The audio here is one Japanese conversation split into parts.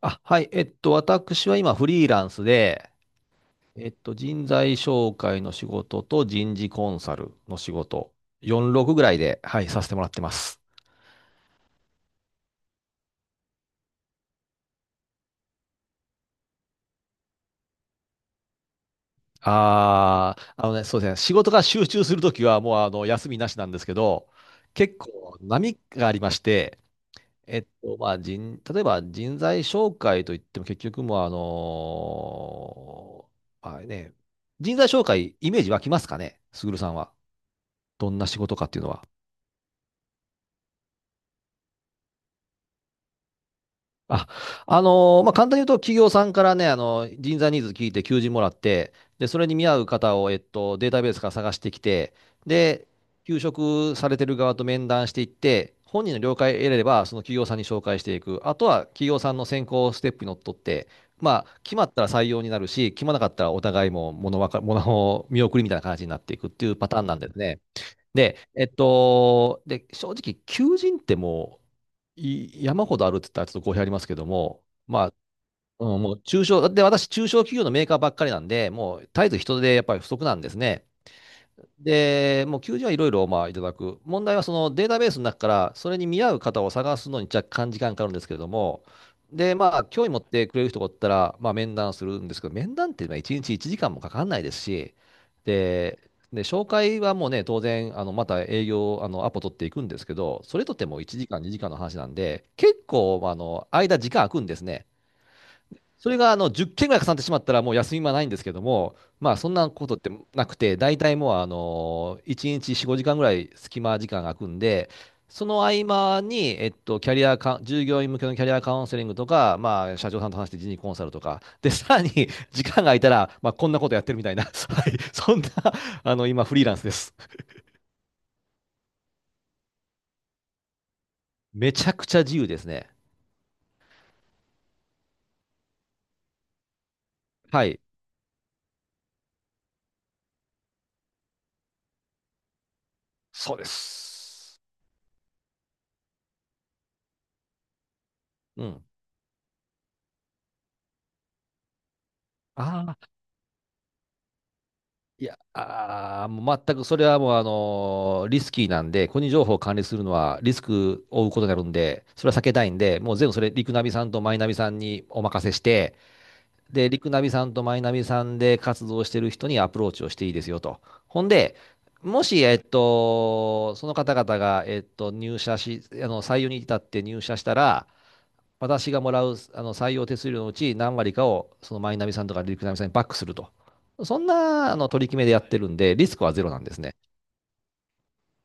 あ、はい。私は今フリーランスで、人材紹介の仕事と人事コンサルの仕事、46ぐらいで、はい、させてもらってます。ああのね、そうですね。仕事が集中するときはもう休みなしなんですけど、結構波がありまして、例えば人材紹介といっても結局もうまあね、人材紹介イメージ湧きますかね、すぐるさんは。どんな仕事かっていうのは。あ、まあ、簡単に言うと、企業さんからね、人材ニーズ聞いて求人もらって、で、それに見合う方を、データベースから探してきて、で、求職されてる側と面談していって、本人の了解を得れれば、その企業さんに紹介していく。あとは、企業さんの選考ステップにのっとって、まあ、決まったら採用になるし、決まらなかったらお互いも物わか、物を見送りみたいな感じになっていくっていうパターンなんですね。で、正直、求人ってもう、山ほどあるって言ったらちょっと語弊ありますけども、まあ、うん、もう中小、で、私、中小企業のメーカーばっかりなんで、もう絶えず人手やっぱり不足なんですね。で、もう求人はいろいろまあいただく。問題はそのデータベースの中からそれに見合う方を探すのに若干時間かかるんですけれども、で、まあ興味持ってくれる人がおったら、まあ面談するんですけど、面談っていうのは1日1時間もかかんないですし、で、で紹介はもうね、当然、また営業、アポ取っていくんですけど、それとっても1時間、2時間の話なんで、結構、まあ間、時間空くんですね。それが10件ぐらい重なってしまったら、もう休みはないんですけども、まあそんなことってなくて、大体もう1日4、5時間ぐらい隙間時間が空くんで、その合間に、えっと、キャリアか、従業員向けのキャリアカウンセリングとか、まあ、社長さんと話して人事コンサルとか、で、さらに時間が空いたら、まあ、こんなことやってるみたいな、はい、そんな、あの、今、フリーランスです。めちゃくちゃ自由ですね。はい、そうです。うん。あいや、もう全くそれはもう、リスキーなんで、個人情報を管理するのはリスクを負うことになるんで、それは避けたいんで、もう全部それ、リクナビさんとマイナビさんにお任せして、で、リクナビさんとマイナビさんで活動してる人にアプローチをしていいですよと。ほんで、もし、その方々が、えっと、入社し、あの、採用に至って入社したら、私がもらう採用手数料のうち何割かをそのマイナビさんとかリクナビさんにバックすると。そんな取り決めでやってるんで、リスクはゼロなんですね。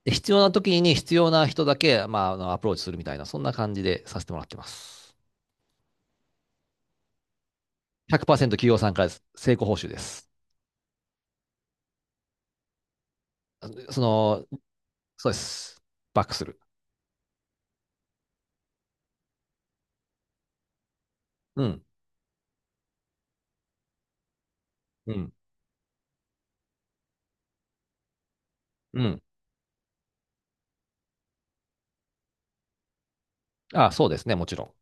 で必要な時に必要な人だけ、まあ、アプローチするみたいな、そんな感じでさせてもらってます。100%企業さんからです。成功報酬です。その、そうです。バックする。うん、うん、うん。あ、そうですね、もちろん。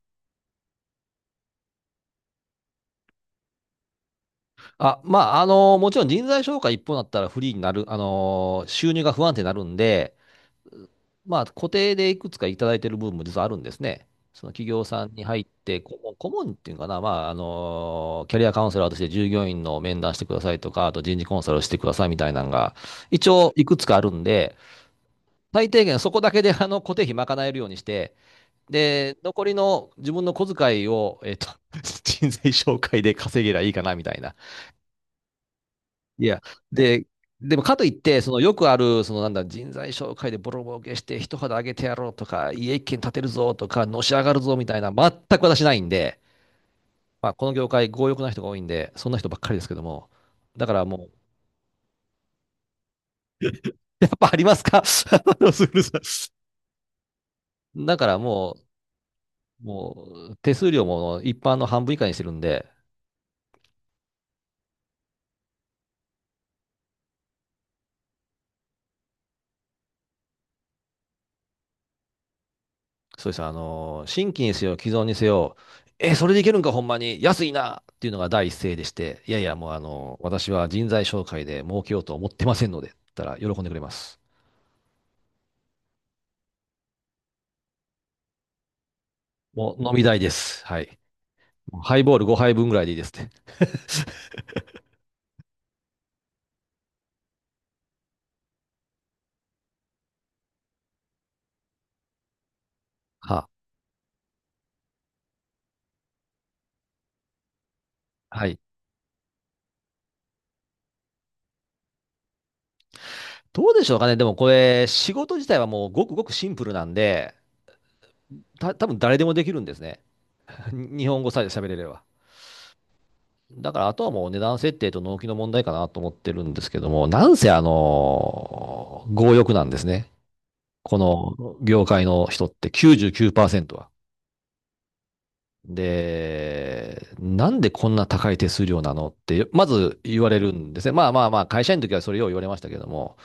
もちろん人材紹介一方だったらフリーになる、収入が不安定になるんで、まあ、固定でいくつかいただいてる部分も実はあるんですね。その企業さんに入って、顧問っていうのかな、キャリアカウンセラーとして従業員の面談してくださいとか、あと人事コンサルをしてくださいみたいなのが、一応いくつかあるんで、最低限そこだけで固定費賄えるようにして、で、残りの自分の小遣いを、人材紹介で稼げりゃいいかなみたいな。いや、で、でもかといって、そのよくある、そのなんだ、人材紹介でボロボロ受けして、一肌上げてやろうとか、家一軒建てるぞとか、のし上がるぞみたいな、全く私ないんで、まあ、この業界、強欲な人が多いんで、そんな人ばっかりですけども、だからもう、やっぱありますか すぐるさん。だからもう、もう、手数料も一般の半分以下にしてるんで、そうです。新規にせよ、既存にせよ、え、それでいけるんか、ほんまに、安いなっていうのが第一声でして、いやいや、もう私は人材紹介で儲けようと思ってませんので、って言ったら喜んでくれます。もう飲み代です。はい。もうハイボール5杯分ぐらいでいいですね。は、はい。どうでしょうかね。でもこれ、仕事自体はもうごくごくシンプルなんで、多分誰でもできるんですね。日本語さえ喋れれば。だからあとはもう値段設定と納期の問題かなと思ってるんですけども、なんせ強欲なんですね。この業界の人って99%は。で、なんでこんな高い手数料なのって、まず言われるんですね。まあまあまあ、会社員の時はそれを言われましたけども、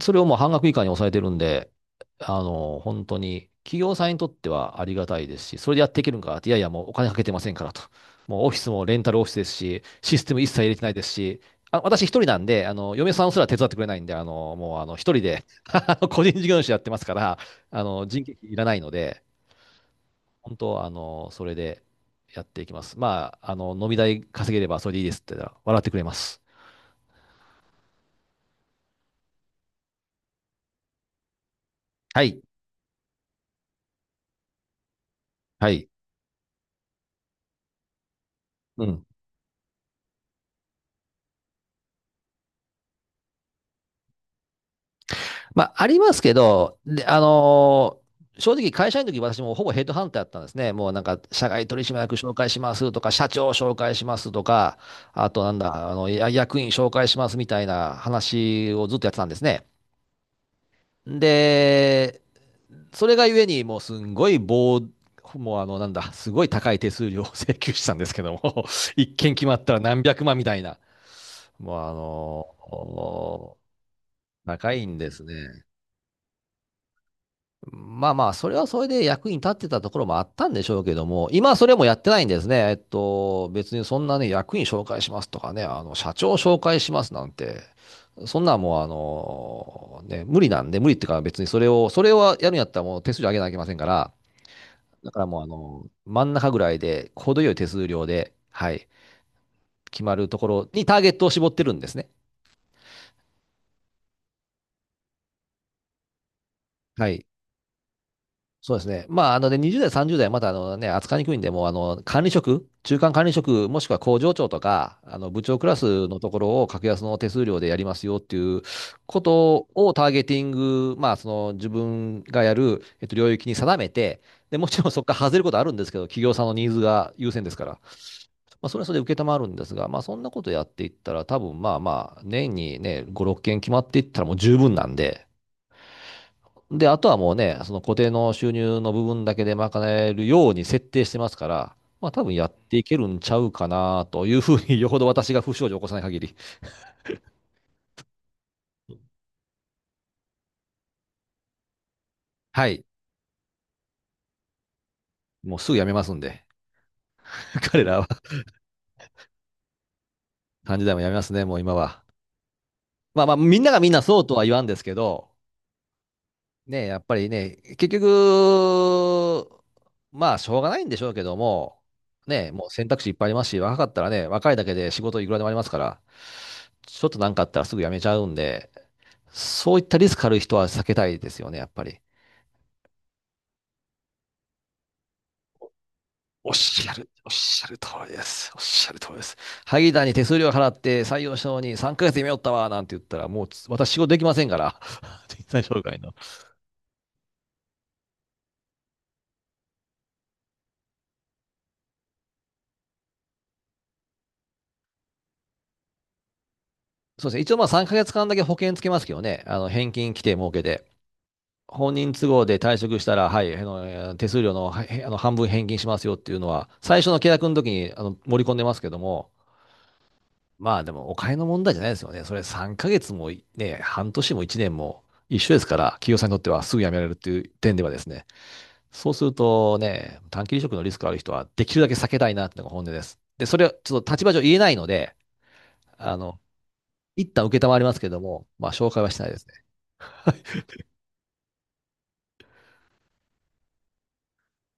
それをもう半額以下に抑えてるんで、本当に、企業さんにとってはありがたいですし、それでやっていけるんかって、いやいや、もうお金かけてませんからと。もうオフィスもレンタルオフィスですし、システム一切入れてないですし、あ、私一人なんで、嫁さんすら手伝ってくれないんで、あの、もうあの、一人で 個人事業主やってますから、人件費いらないので、本当、それでやっていきます。まあ、飲み代稼げればそれでいいですって言ったら、笑ってくれます。はい。はい。うん。まあ、ありますけど、で、正直会社員の時私もほぼヘッドハンターだったんですね。もうなんか、社外取締役紹介しますとか、社長紹介しますとか、あとなんだ、あの、や役員紹介しますみたいな話をずっとやってたんですね。で、それがゆえに、もうあの、なんだ、すごい高い手数料を請求したんですけども、一件決まったら何百万みたいな。もう高いんですね。まあまあ、それはそれで役に立ってたところもあったんでしょうけども、今はそれもやってないんですね。別にそんなね、役員紹介しますとかね、社長紹介しますなんて、そんなんもうね、無理なんで、無理っていうか別にそれをやるんやったらもう手数料上げなきゃいけませんから、だからもう真ん中ぐらいで、程よい手数料で、はい、決まるところにターゲットを絞ってるんですね。はい。そうですね。まあ、で、20代、30代また、扱いにくいんで、もう、管理職、中間管理職、もしくは工場長とか、部長クラスのところを格安の手数料でやりますよっていうことをターゲティング、まあ、自分がやる、領域に定めて、で、もちろんそこから外れることあるんですけど、企業さんのニーズが優先ですから、まあ、それはそれで承るんですが、まあ、そんなことやっていったら、多分、まあまあ、年にね、5、6件決まっていったらもう十分なんで、で、あとはもうね、その固定の収入の部分だけで賄えるように設定してますから、まあ多分やっていけるんちゃうかなというふうに、よほど私が不祥事を起こさない限り、はい、もうすぐ辞めますんで、彼らは3時代も辞 めますね、もう今は。まあまあ、みんながみんなそうとは言わんですけど、ね、やっぱりね、結局、まあ、しょうがないんでしょうけども、ね、もう選択肢いっぱいありますし、若かったらね、若いだけで仕事いくらでもありますから、ちょっとなんかあったらすぐ辞めちゃうんで、そういったリスクある人は避けたいですよね、やっぱり。おっしゃる通りです。おっしゃる通りです。萩田に手数料払って採用したのに3ヶ月で辞めよったわ、なんて言ったら、もう私仕事できませんから。人材紹介の。そうですね。一応まあ3ヶ月間だけ保険つけますけどね。返金規定設けて。本人都合で退職したら、はい、手数料の、はいへ半分返金しますよっていうのは、最初の契約の時に盛り込んでますけども、まあでもお金の問題じゃないですよね。それ3ヶ月もいね、半年も1年も一緒ですから、企業さんにとってはすぐ辞められるっていう点ではですね、そうするとね、短期離職のリスクある人はできるだけ避けたいなっていうのが本音です。で、それはちょっと立場上言えないので、あの、一旦承りますけども、まあ紹介はしないですね。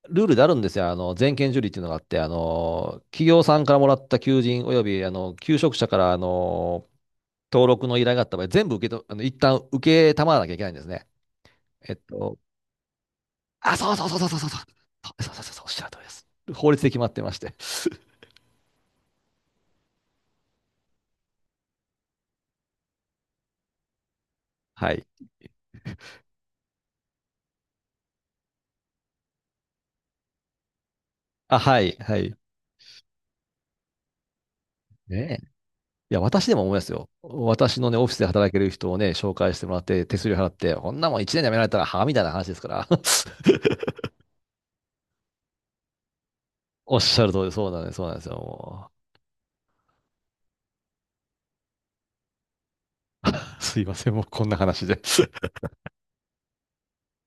ルールであるんですよ。全件受理っていうのがあって、企業さんからもらった求人および、求職者から、登録の依頼があった場合、全部受けと、一旦受けたまわなきゃいけないんですね。えっと、あ、そうそうそうそうそうそうそう。そうそうそうそう、おっしゃる通りです。法律で決まってまして。はい。あ、はい、はい。ねえ。いや、私でも思いますよ。私のね、オフィスで働ける人をね、紹介してもらって、手数料払って、こんなもん1年で辞められたら、はみたいな話ですから。おっしゃる通り、そうなんです、そうなんですよ。もうすいません、もうこんな話で。